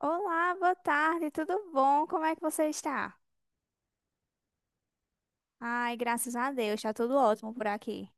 Olá, boa tarde, tudo bom? Como é que você está? Ai, graças a Deus, está tudo ótimo por aqui.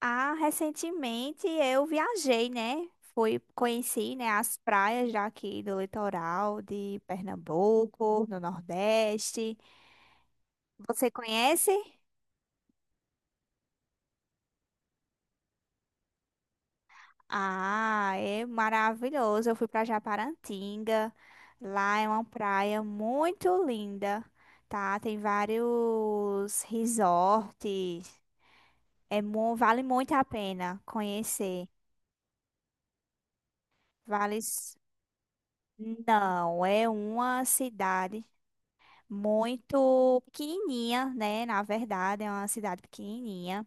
Ah, recentemente eu viajei, né? Fui, conheci, né, as praias daqui do litoral de Pernambuco, no Nordeste. Você conhece? Ah, é maravilhoso. Eu fui para Japarantinga. Lá é uma praia muito linda, tá? Tem vários resorts. Vale muito a pena conhecer. Vale. Não, é uma cidade muito pequenininha, né? Na verdade, é uma cidade pequenininha.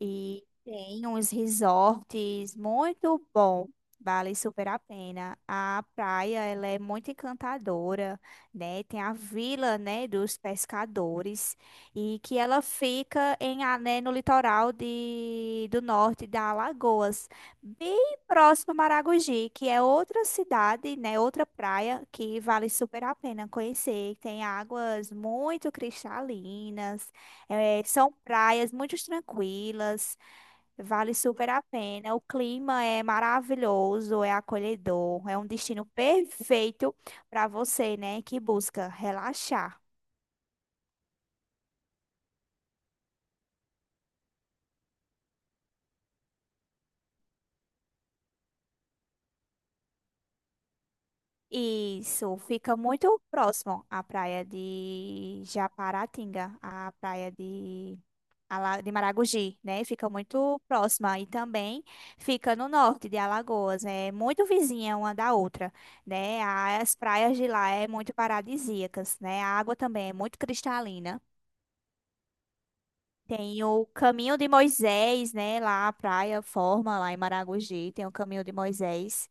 E tem uns resorts muito bom, vale super a pena. A praia, ela é muito encantadora, né? Tem a vila, né, dos pescadores e que ela fica né, no litoral de, do norte da Alagoas, bem próximo a Maragogi, que é outra cidade, né, outra praia que vale super a pena conhecer. Tem águas muito cristalinas, é, são praias muito tranquilas, vale super a pena. O clima é maravilhoso, é acolhedor, é um destino perfeito para você, né, que busca relaxar. Isso, fica muito próximo à praia de Japaratinga, a praia de de Maragogi, né? Fica muito próxima e também fica no norte de Alagoas, é muito vizinha uma da outra, né? As praias de lá é muito paradisíacas, né? A água também é muito cristalina. Tem o Caminho de Moisés, né? Lá a praia forma lá em Maragogi, tem o Caminho de Moisés.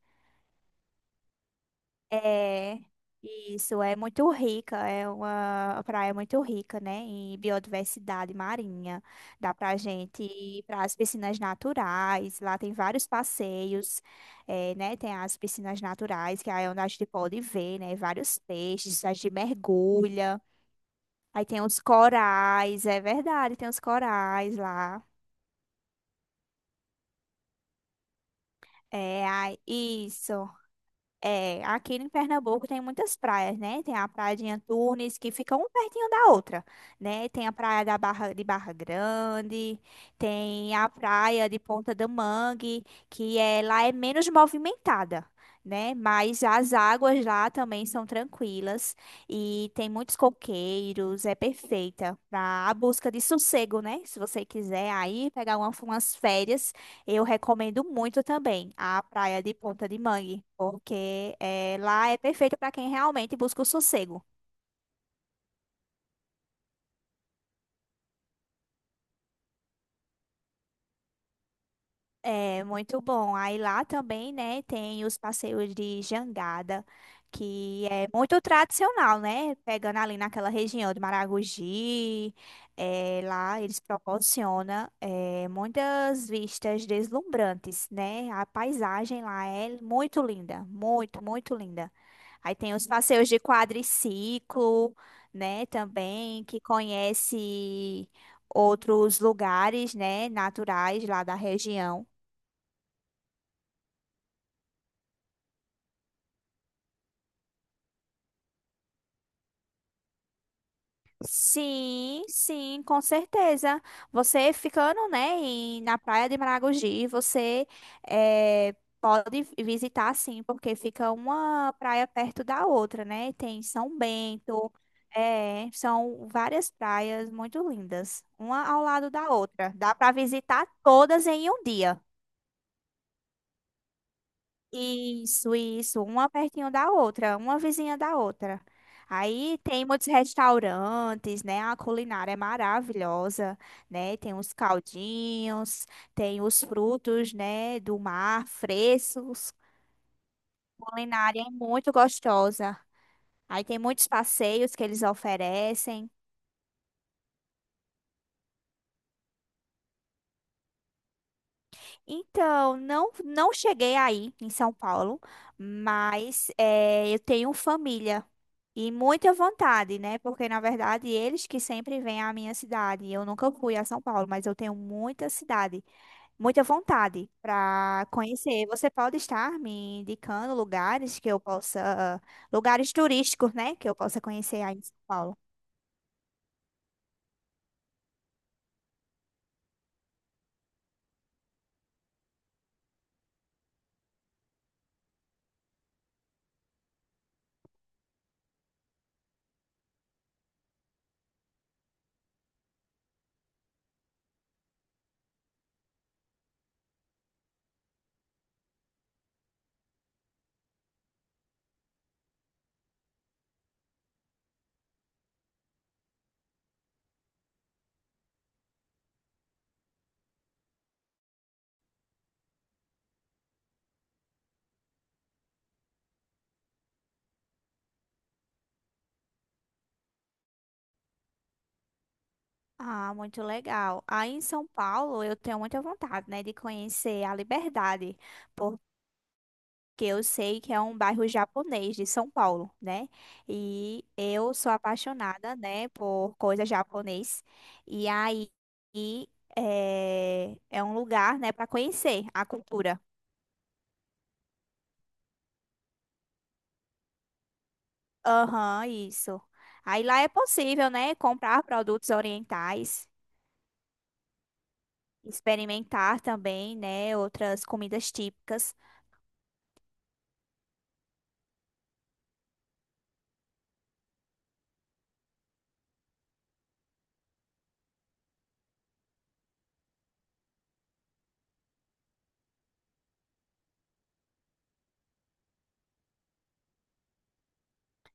É, isso é muito rica, é uma praia é muito rica, né, em biodiversidade marinha. Dá pra gente ir para as piscinas naturais, lá tem vários passeios, é, né, tem as piscinas naturais, que aí é onde a gente pode ver, né, vários peixes, a gente mergulha. Aí tem os corais, é verdade, tem os corais lá. É, ai, isso. É, aqui em Pernambuco tem muitas praias, né? Tem a Praia de Antunes, que fica um pertinho da outra, né? Tem a Praia da Barra, de Barra Grande, tem a Praia de Ponta do Mangue, que é, lá é menos movimentada, né? Mas as águas lá também são tranquilas e tem muitos coqueiros, é perfeita para a busca de sossego, né? Se você quiser aí pegar umas férias, eu recomendo muito também a praia de Ponta de Mangue, porque lá é perfeito para quem realmente busca o sossego. É muito bom. Aí lá também, né, tem os passeios de jangada, que é muito tradicional, né? Pegando ali naquela região de Maragogi, é, lá eles proporcionam é, muitas vistas deslumbrantes, né? A paisagem lá é muito linda, muito, muito linda. Aí tem os passeios de quadriciclo, né, também, que conhece outros lugares, né, naturais lá da região. Sim, sim, com certeza. Você ficando, né, na Praia de Maragogi, você eh, pode visitar, sim, porque fica uma praia perto da outra, né? Tem São Bento, eh, são várias praias muito lindas, uma ao lado da outra. Dá para visitar todas em um dia. Isso, uma pertinho da outra, uma vizinha da outra. Aí tem muitos restaurantes, né? A culinária é maravilhosa, né? Tem os caldinhos, tem os frutos, né, do mar, frescos. Culinária é muito gostosa. Aí tem muitos passeios que eles oferecem. Então, não, não cheguei aí em São Paulo, mas eu tenho família e muita vontade, né? Porque na verdade eles que sempre vêm à minha cidade. Eu nunca fui a São Paulo, mas eu tenho muita cidade, muita vontade para conhecer. Você pode estar me indicando lugares que eu possa, lugares turísticos, né? Que eu possa conhecer aí em São Paulo. Ah, muito legal. Aí em São Paulo eu tenho muita vontade, né, de conhecer a Liberdade, que eu sei que é um bairro japonês de São Paulo, né? E eu sou apaixonada, né, por coisa japonês. E aí e, é, é um lugar, né, para conhecer a cultura. Aham, isso. Aí lá é possível, né, comprar produtos orientais, experimentar também, né, outras comidas típicas.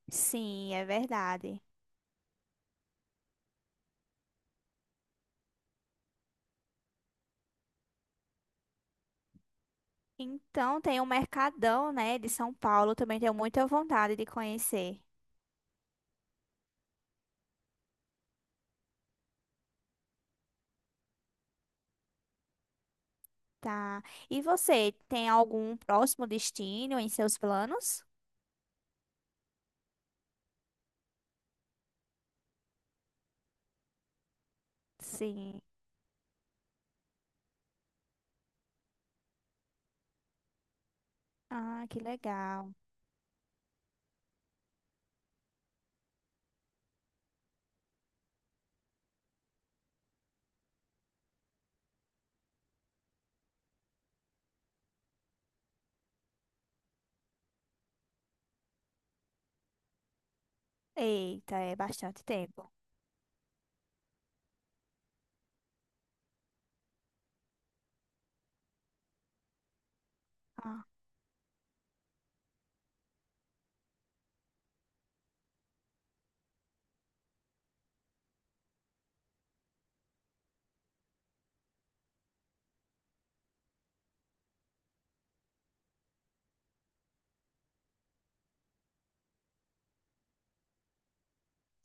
Sim, é verdade. Então tem o Mercadão, né, de São Paulo, também tenho muita vontade de conhecer. Tá. E você, tem algum próximo destino em seus planos? Sim. Ah, que legal. Eita, é bastante tempo. Ah.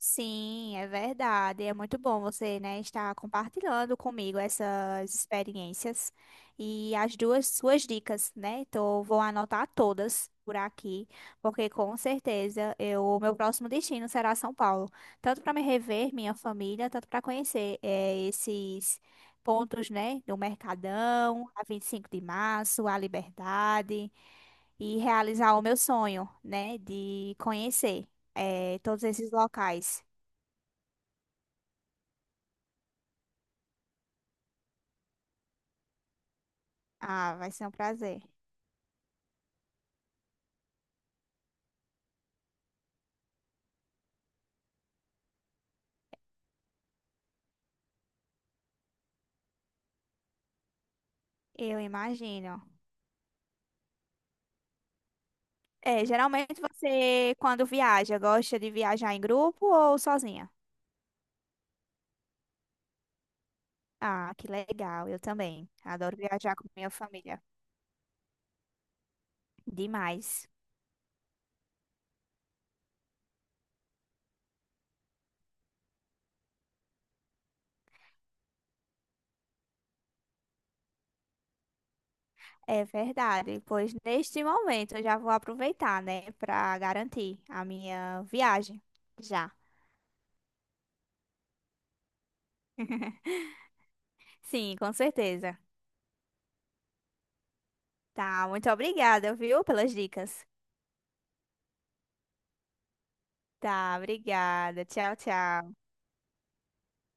Sim, é verdade. É muito bom você, né, estar compartilhando comigo essas experiências e as duas suas dicas, né? Então, vou anotar todas por aqui, porque com certeza eu, o meu próximo destino será São Paulo, tanto para me rever minha família, tanto para conhecer esses pontos, né, do Mercadão, a 25 de março, a Liberdade e realizar o meu sonho, né, de conhecer todos esses locais. Ah, vai ser um prazer. Eu imagino. É, geralmente você, quando viaja, gosta de viajar em grupo ou sozinha? Ah, que legal, eu também. Adoro viajar com minha família. Demais. É verdade, pois neste momento eu já vou aproveitar, né, para garantir a minha viagem. Já. Sim, com certeza. Tá, muito obrigada, viu, pelas dicas. Tá, obrigada. Tchau, tchau.